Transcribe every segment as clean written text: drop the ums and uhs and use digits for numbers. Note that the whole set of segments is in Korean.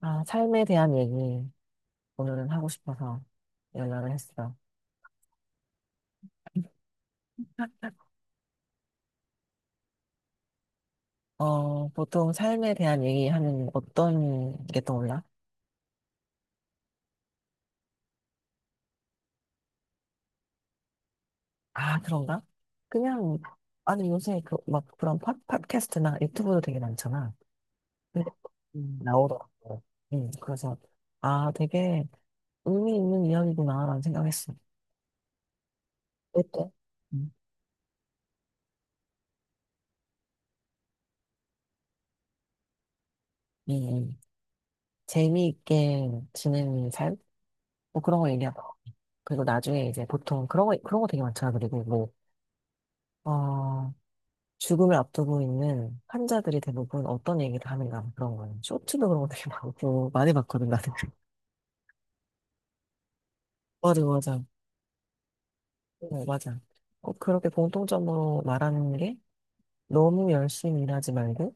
아, 삶에 대한 얘기 오늘은 하고 싶어서 연락을 했어. 어, 보통 삶에 대한 얘기하면 어떤 게 떠올라? 아, 그런가? 그냥, 아니, 요새 그, 막 그런 팟캐스트나 유튜브도 되게 많잖아. 근데 나오더라고. 응, 그래서, 아, 되게 의미 있는 이야기구나라는 생각했어. 어때? 음, 음, 재미있게 지내는 삶? 뭐 그런 거 얘기하고. 그리고 나중에 이제 보통 그런 거 되게 많잖아. 그리고 뭐, 어, 죽음을 앞두고 있는 환자들이 대부분 어떤 얘기를 하는가 그런 거예요. 쇼츠도 그런 거 되게 많고 많이 봤거든 나는. 맞아. 어, 맞아. 꼭 그렇게 공통점으로 말하는 게 너무 열심히 일하지 말고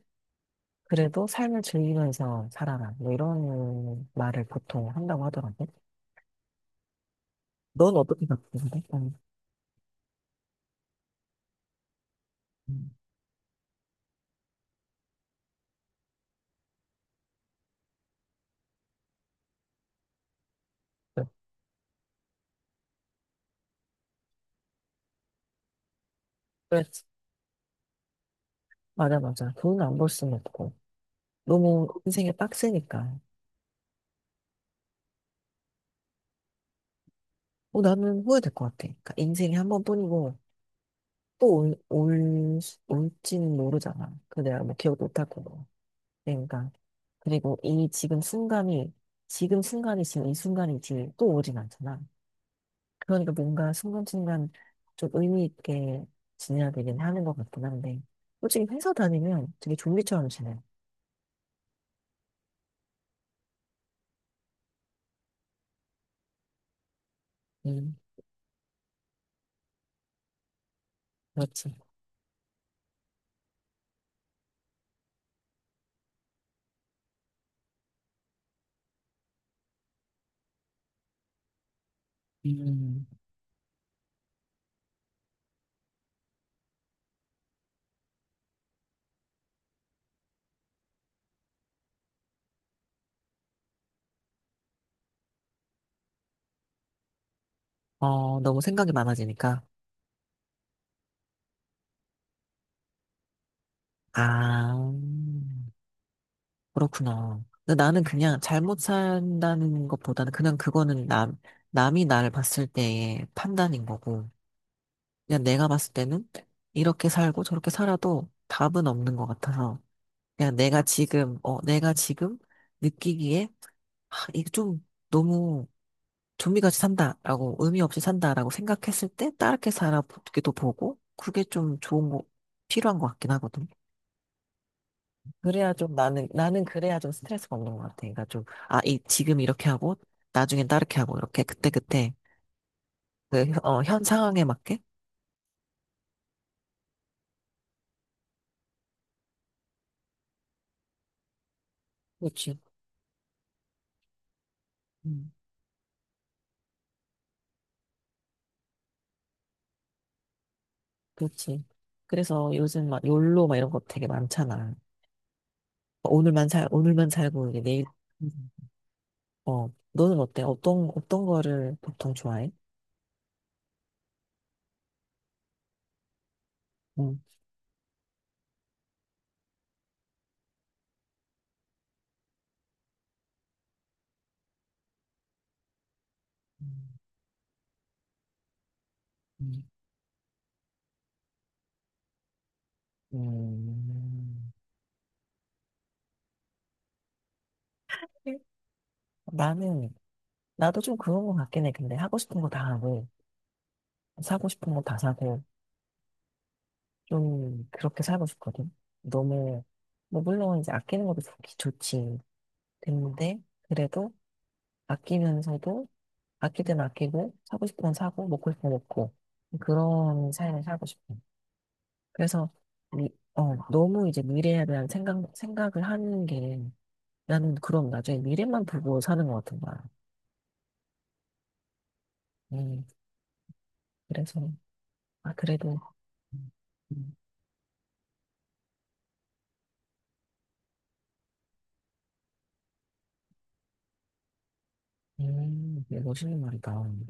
그래도 삶을 즐기면서 살아라. 뭐 이런 말을 보통 한다고 하더라고. 넌 어떻게 바꾸는데? 음. 그렇지. 맞아. 돈 안 벌 수는 없고 너무 인생이 빡세니까. 어, 나는 후회될 것 같아. 그러니까 인생이 한 번뿐이고. 또 올지는 모르잖아. 그 내가 뭐 기억도 못할 거고. 그러니까. 그리고 이 지금 순간이, 지금 순간이 지금 이 순간이 지 또 오진 않잖아. 그러니까 뭔가 순간순간 좀 의미 있게 지내야 되긴 하는 것 같긴 한데. 솔직히 회사 다니면 되게 좀비처럼 지내. 음, 그렇지. 음, 어, 너무 생각이 많아지니까. 아, 그렇구나. 근데 나는 그냥 잘못 산다는 것보다는 그냥 그거는 남이 나를 봤을 때의 판단인 거고, 그냥 내가 봤을 때는 이렇게 살고 저렇게 살아도 답은 없는 것 같아서, 그냥 내가 지금, 어, 내가 지금 느끼기에, 아, 이게 좀 너무 좀비같이 산다라고, 의미 없이 산다라고 생각했을 때, 다르게 살아보기도 보고, 그게 좀 좋은 거, 필요한 것 같긴 하거든. 그래야 나는 그래야 좀 스트레스가 없는 것 같아. 그러니까 좀, 아, 이, 지금 이렇게 하고, 나중엔 다르게 하고, 이렇게 그때그때, 그, 어, 현 상황에 맞게? 그렇지. 음, 그렇지. 그래서 요즘 막, 욜로 막 이런 거 되게 많잖아. 오늘만 살고, 이게 내일, 음. 어, 너는 어때? 어떤 거를 보통 좋아해? 음. 음. 음. 나는, 나도 좀 그런 것 같긴 해. 근데 하고 싶은 거 다 하고, 사고 싶은 거 다 사고, 좀 그렇게 살고 싶거든. 너무, 뭐, 물론 이제 아끼는 것도 좋지. 됐는데, 그래도 아끼면서도, 아낄 땐 아끼고, 사고 싶은 건 사고, 먹고 싶은 건 먹고, 그런 삶을 살고 싶어. 그래서, 미, 어, 너무 이제 미래에 대한 생각을 하는 게, 나는 그럼 나중에 미래만 보고 사는 것 같은 거야. 음, 그래서, 아, 그래도, 음, 되게 멋있는 말이다.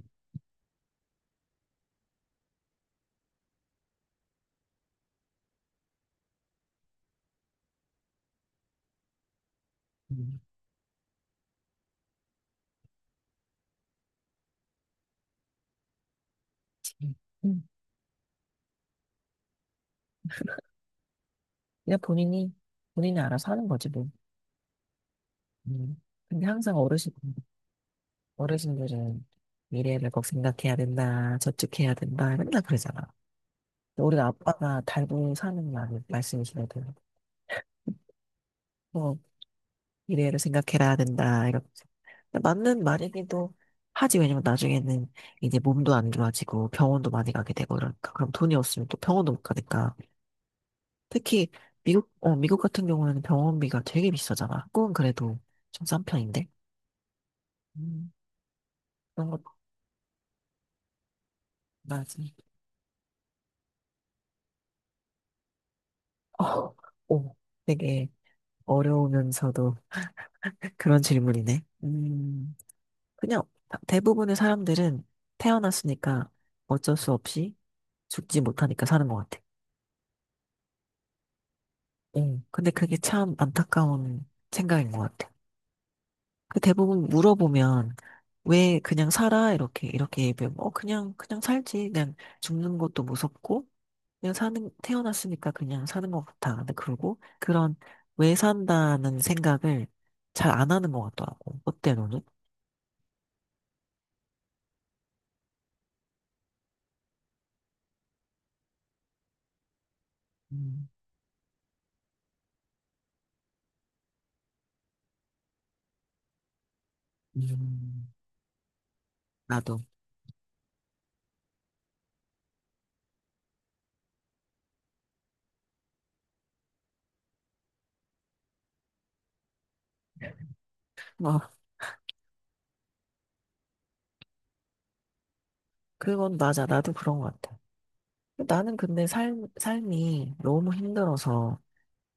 음. 음. 그냥 본인이 알아서 하는 거지, 뭐. 음. 근데 항상 어르신들은 미래를 꼭 생각해야 된다, 저축해야 된다, 맨날 그러잖아. 근데 우리 아빠가 달고 사는 말씀이시거든. 뭐, 미래를 생각해야 된다, 이렇게. 근데 맞는 말이기도 하지, 왜냐면 나중에는 이제 몸도 안 좋아지고 병원도 많이 가게 되고 그러니까. 그럼 돈이 없으면 또 병원도 못 가니까. 특히 미국 같은 경우에는 병원비가 되게 비싸잖아. 한국은 그래도 좀 싼 편인데. 음, 그런 것, 맞아. 어, 오, 되게 어려우면서도 그런 질문이네. 그냥 대부분의 사람들은 태어났으니까 어쩔 수 없이 죽지 못하니까 사는 것 같아. 응. 근데 그게 참 안타까운 생각인 것 같아. 그 대부분 물어보면 왜 그냥 살아? 이렇게 이렇게 얘기하면 어 그냥 살지. 그냥 죽는 것도 무섭고 그냥 사는 태어났으니까 그냥 사는 것 같아. 근데 그러고 그런 왜 산다는 생각을 잘 안 하는 것 같더라고. 그때로는 음, 음, 나도 뭐 그건 맞아. 나도 그런 것 같아. 나는 근데 삶 삶이 너무 힘들어서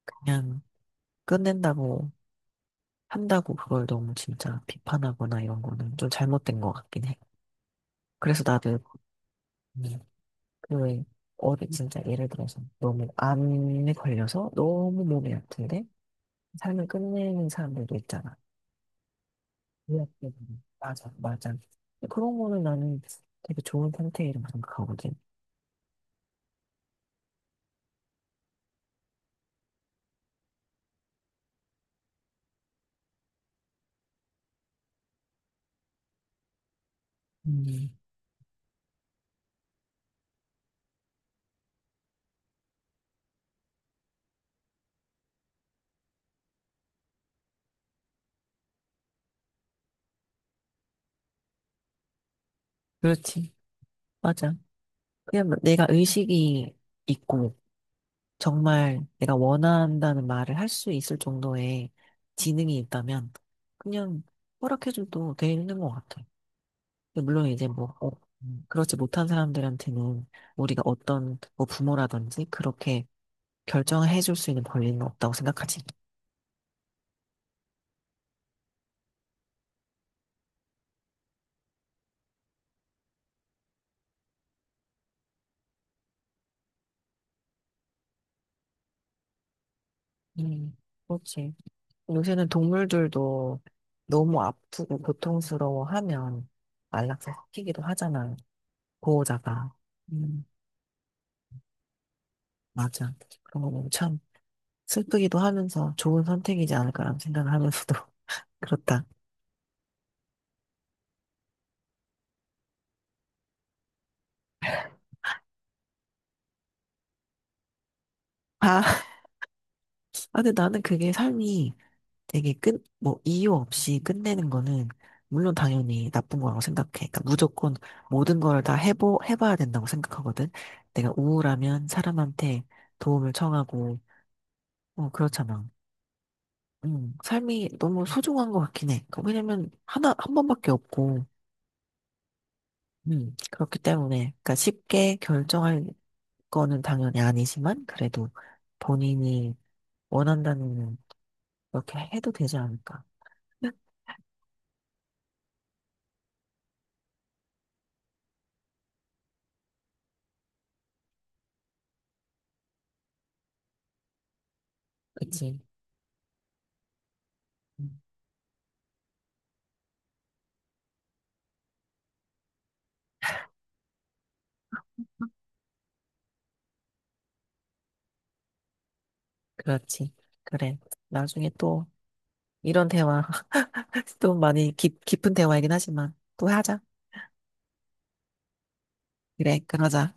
그냥 끝낸다고 한다고 그걸 너무 진짜 비판하거나 이런 거는 좀 잘못된 것 같긴 해. 그래서 나도 음, 그왜 어디 진짜 예를 들어서 너무 암에 걸려서 너무 몸이 아픈데 삶을 끝내는 사람들도 있잖아. 의학적으로. 맞아, 맞아. 근데 그런 거는 나는 되게 좋은 선택이라고 생각하거든. 음, 그렇지. 맞아. 그냥 내가 의식이 있고 정말 내가 원한다는 말을 할 수 있을 정도의 지능이 있다면 그냥 허락해줘도 되는 것 같아. 물론 이제 뭐 어, 그렇지 못한 사람들한테는 우리가 어떤 뭐 부모라든지 그렇게 결정을 해줄 수 있는 권리는 없다고 생각하지. 음, 그렇지. 요새는 동물들도 너무 아프고 고통스러워하면 안락사 시키기도 하잖아. 보호자가. 음. 맞아. 그런 거 보면 참 슬프기도 하면서 좋은 선택이지 않을까라는 생각을 하면서도 그렇다. 아, 아, 근데 나는 그게 삶이 되게 끝, 뭐, 이유 없이 끝내는 거는, 물론 당연히 나쁜 거라고 생각해. 그러니까 무조건 모든 걸 다 해봐야 된다고 생각하거든. 내가 우울하면 사람한테 도움을 청하고, 어, 그렇잖아. 삶이 너무 소중한 것 같긴 해. 그 왜냐면, 한 번밖에 없고, 그렇기 때문에, 그러니까 쉽게 결정할 거는 당연히 아니지만, 그래도 본인이 원한다면, 그렇게 해도 되지 않을까. 그치? 그렇지. 그래. 나중에 또 이런 대화, 또 많이 깊은 대화이긴 하지만 또 하자. 그래, 그러자.